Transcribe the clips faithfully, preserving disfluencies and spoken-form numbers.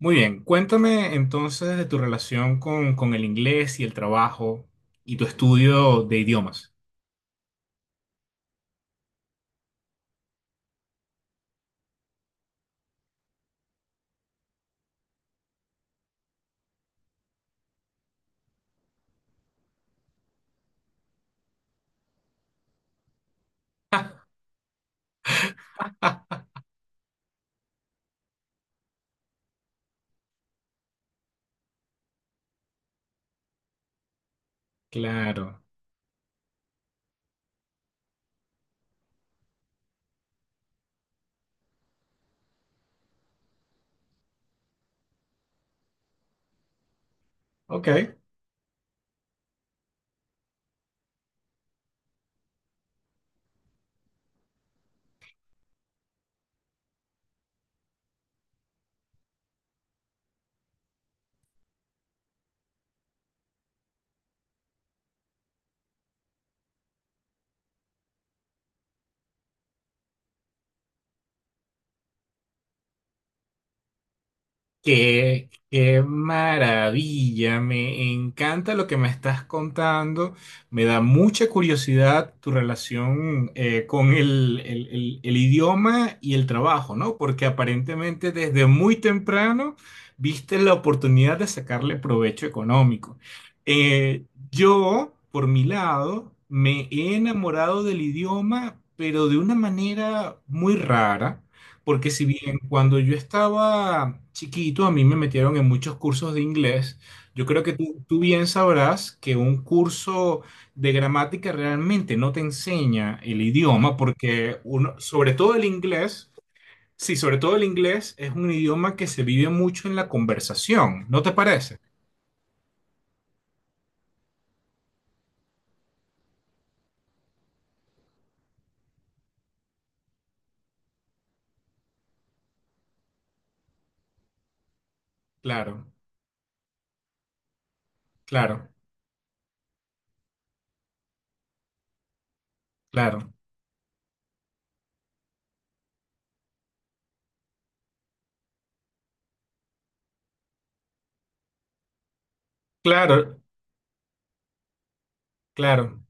Muy bien, cuéntame entonces de tu relación con, con el inglés y el trabajo y tu estudio de idiomas. Claro, ok. Qué, qué maravilla, me encanta lo que me estás contando, me da mucha curiosidad tu relación eh, con el, el- el- el idioma y el trabajo, ¿no? Porque aparentemente desde muy temprano viste la oportunidad de sacarle provecho económico. Eh, yo, por mi lado, me he enamorado del idioma, pero de una manera muy rara. Porque si bien cuando yo estaba chiquito a mí me metieron en muchos cursos de inglés, yo creo que tú, tú bien sabrás que un curso de gramática realmente no te enseña el idioma porque uno, sobre todo el inglés, sí, sobre todo el inglés es un idioma que se vive mucho en la conversación, ¿no te parece? Claro, claro, claro, claro, claro.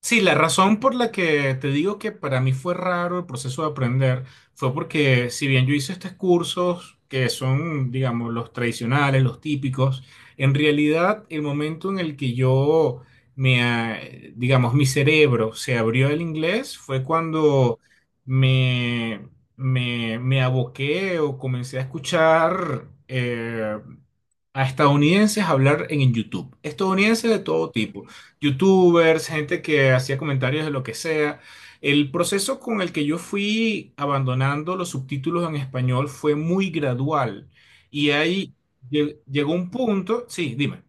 Sí, la razón por la que te digo que para mí fue raro el proceso de aprender fue porque si bien yo hice estos cursos que son, digamos, los tradicionales, los típicos, en realidad el momento en el que yo me, ah, digamos, mi cerebro se abrió al inglés fue cuando me, me, me aboqué o comencé a escuchar eh, a estadounidenses hablar en YouTube, estadounidenses de todo tipo, youtubers, gente que hacía comentarios de lo que sea. El proceso con el que yo fui abandonando los subtítulos en español fue muy gradual. Y ahí lle- llegó un punto, sí, dime.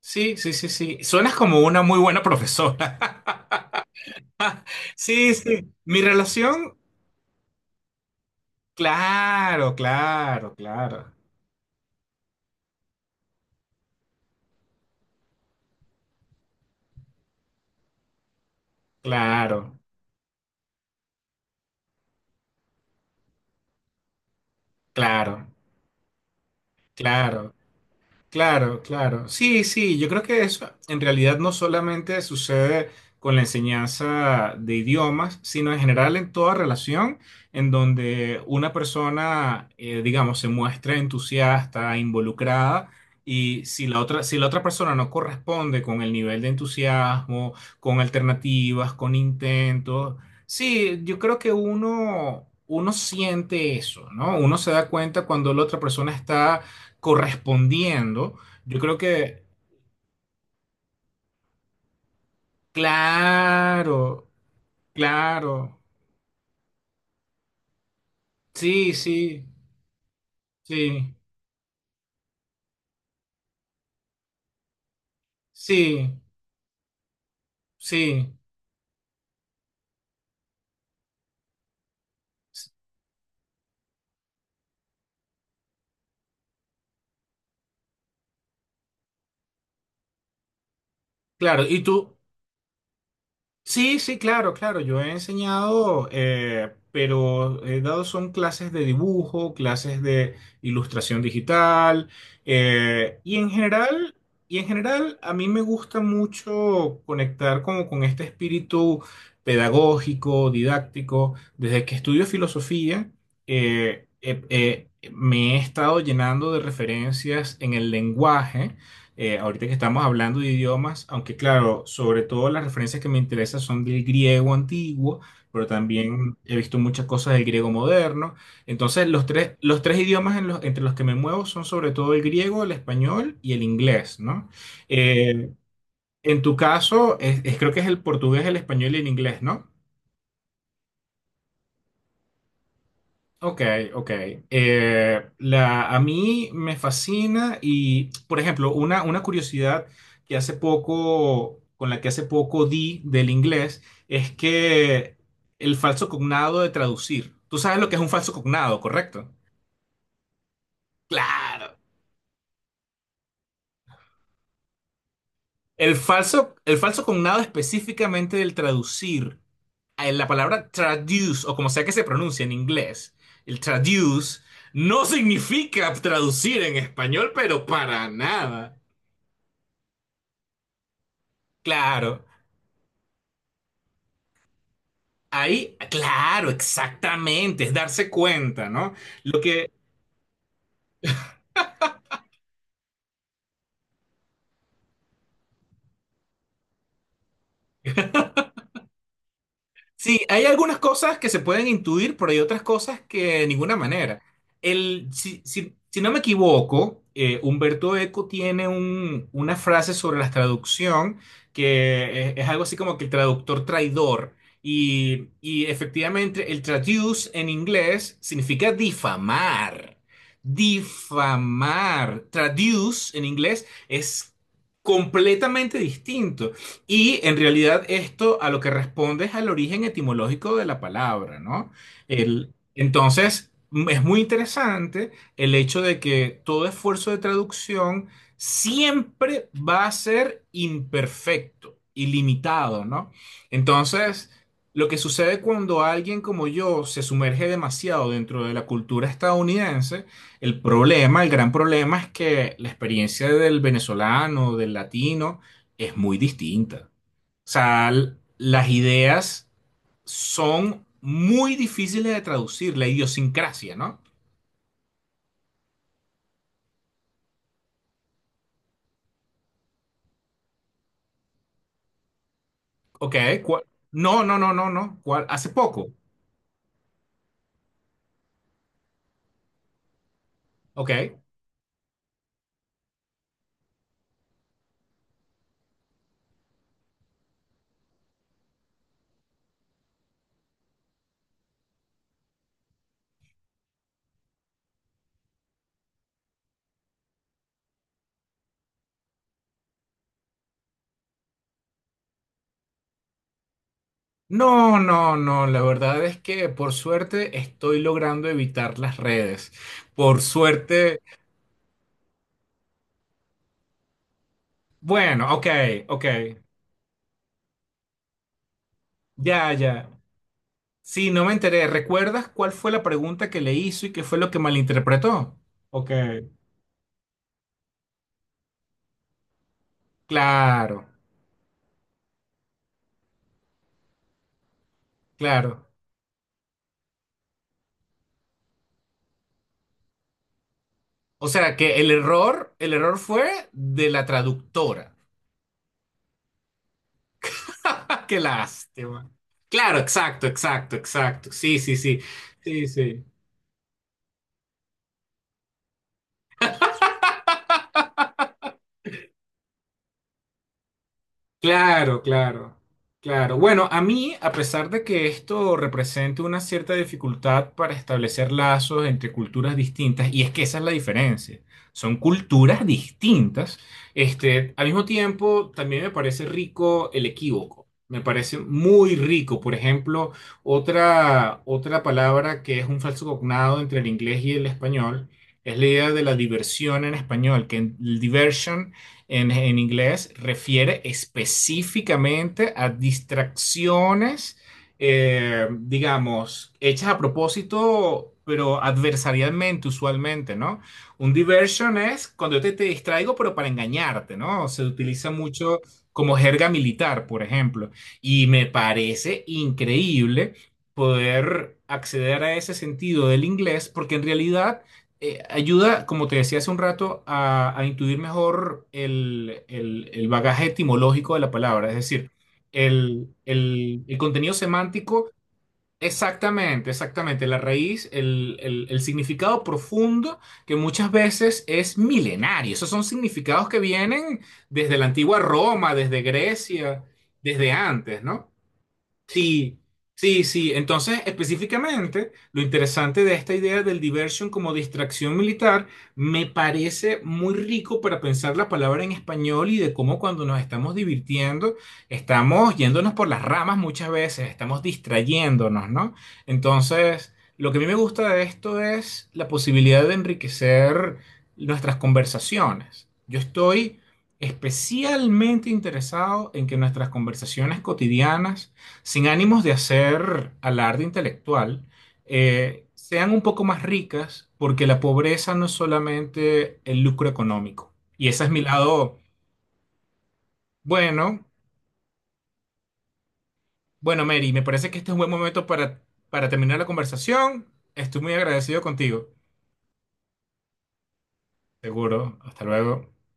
Sí, sí, sí, sí. Suenas como una muy buena profesora. Sí, sí. Mi relación, claro, claro, claro, claro, claro, claro. Claro, claro. Sí, sí, yo creo que eso en realidad no solamente sucede con la enseñanza de idiomas, sino en general en toda relación en donde una persona, eh, digamos, se muestra entusiasta, involucrada, y si la otra, si la otra persona no corresponde con el nivel de entusiasmo, con alternativas, con intentos, sí, yo creo que uno, uno siente eso, ¿no? Uno se da cuenta cuando la otra persona está correspondiendo, yo creo que, claro, claro, sí, sí, sí, sí, sí, claro. ¿Y tú? Sí, sí, claro, claro. Yo he enseñado, eh, pero he dado son clases de dibujo, clases de ilustración digital, eh, y en general, y en general a mí me gusta mucho conectar como con este espíritu pedagógico, didáctico. Desde que estudio filosofía, eh, eh, eh, me he estado llenando de referencias en el lenguaje. Eh, ahorita que estamos hablando de idiomas, aunque claro, sobre todo las referencias que me interesan son del griego antiguo, pero también he visto muchas cosas del griego moderno. Entonces, los tres, los tres idiomas en los- entre los que me muevo son sobre todo el griego, el español y el inglés, ¿no? Eh, en tu caso, es- es- creo que es el portugués, el español y el inglés, ¿no? Ok, ok. Eh, la, a mí me fascina y, por ejemplo, una, una curiosidad que hace poco, con la que hace poco di del inglés, es que el falso cognado de traducir. Tú sabes lo que es un falso cognado, ¿correcto? Claro. El falso, el falso cognado específicamente del traducir, eh, la palabra traduce, o como sea que se pronuncia en inglés, el traduce no significa traducir en español, pero para nada. Claro, ahí, claro, exactamente, es darse cuenta, ¿no? Lo que, Sí, hay algunas cosas que se pueden intuir, pero hay otras cosas que de ninguna manera. El, si, si- Si no me equivoco, eh, Humberto Eco tiene un- una frase sobre la traducción que es, es algo así como que el traductor traidor. Y, y efectivamente, el traduce en inglés significa difamar. Difamar. Traduce en inglés es completamente distinto. Y en realidad esto a lo que responde es al origen etimológico de la palabra, ¿no? El- entonces, m- es muy interesante el hecho de que todo esfuerzo de traducción siempre va a ser imperfecto, ilimitado, ¿no? Entonces, lo que sucede cuando alguien como yo se sumerge demasiado dentro de la cultura estadounidense, el problema, el gran problema es que la experiencia del venezolano, del latino, es muy distinta. O sea, l- las ideas son muy difíciles de traducir, la idiosincrasia, ¿no? Ok, ¿cuál- No, no, no, no, no. ¿Cuál? Hace poco. Ok. No, no, no. La verdad es que por suerte estoy logrando evitar las redes. Por suerte. Bueno, ok, ok. Ya, ya. Sí, no me enteré. ¿Recuerdas cuál fue la pregunta que le hizo y qué fue lo que malinterpretó? Ok. Claro, claro. O sea que el error, el error fue de la traductora. ¡Ah, qué lástima! Claro, exacto, exacto, exacto. Sí, sí, sí. Sí, sí. Claro, claro, claro. Bueno, a mí, a pesar de que esto represente una cierta dificultad para establecer lazos entre culturas distintas, y es que esa es la diferencia, son culturas distintas, este, al mismo tiempo también me parece rico el equívoco, me parece muy rico. Por ejemplo, otra, otra palabra que es un falso cognado entre el inglés y el español es la idea de la diversión en español, que el diversion en, en inglés refiere específicamente a distracciones, eh, digamos, hechas a propósito, pero adversarialmente usualmente, ¿no? Un diversion es cuando yo te, te distraigo, pero para engañarte, ¿no? Se utiliza mucho como jerga militar, por ejemplo. Y me parece increíble poder acceder a ese sentido del inglés, porque en realidad eh, ayuda, como te decía hace un rato, a, a intuir mejor el, el- el bagaje etimológico de la palabra, es decir, el, el- el contenido semántico, exactamente, exactamente, la raíz, el, el- el significado profundo que muchas veces es milenario. Esos son significados que vienen desde la antigua Roma, desde Grecia, desde antes, ¿no? Sí, sí, sí. Entonces, específicamente, lo interesante de esta idea del diversion como distracción militar me parece muy rico para pensar la palabra en español y de cómo cuando nos estamos divirtiendo, estamos yéndonos por las ramas muchas veces, estamos distrayéndonos, ¿no? Entonces, lo que a mí me gusta de esto es la posibilidad de enriquecer nuestras conversaciones. Yo estoy especialmente interesado en que nuestras conversaciones cotidianas sin ánimos de hacer alarde intelectual, eh, sean un poco más ricas, porque la pobreza no es solamente el lucro económico. Y ese es mi lado, bueno, bueno, Mary, me parece que este es un buen momento para, para terminar la conversación. Estoy muy agradecido contigo. Seguro. Hasta luego.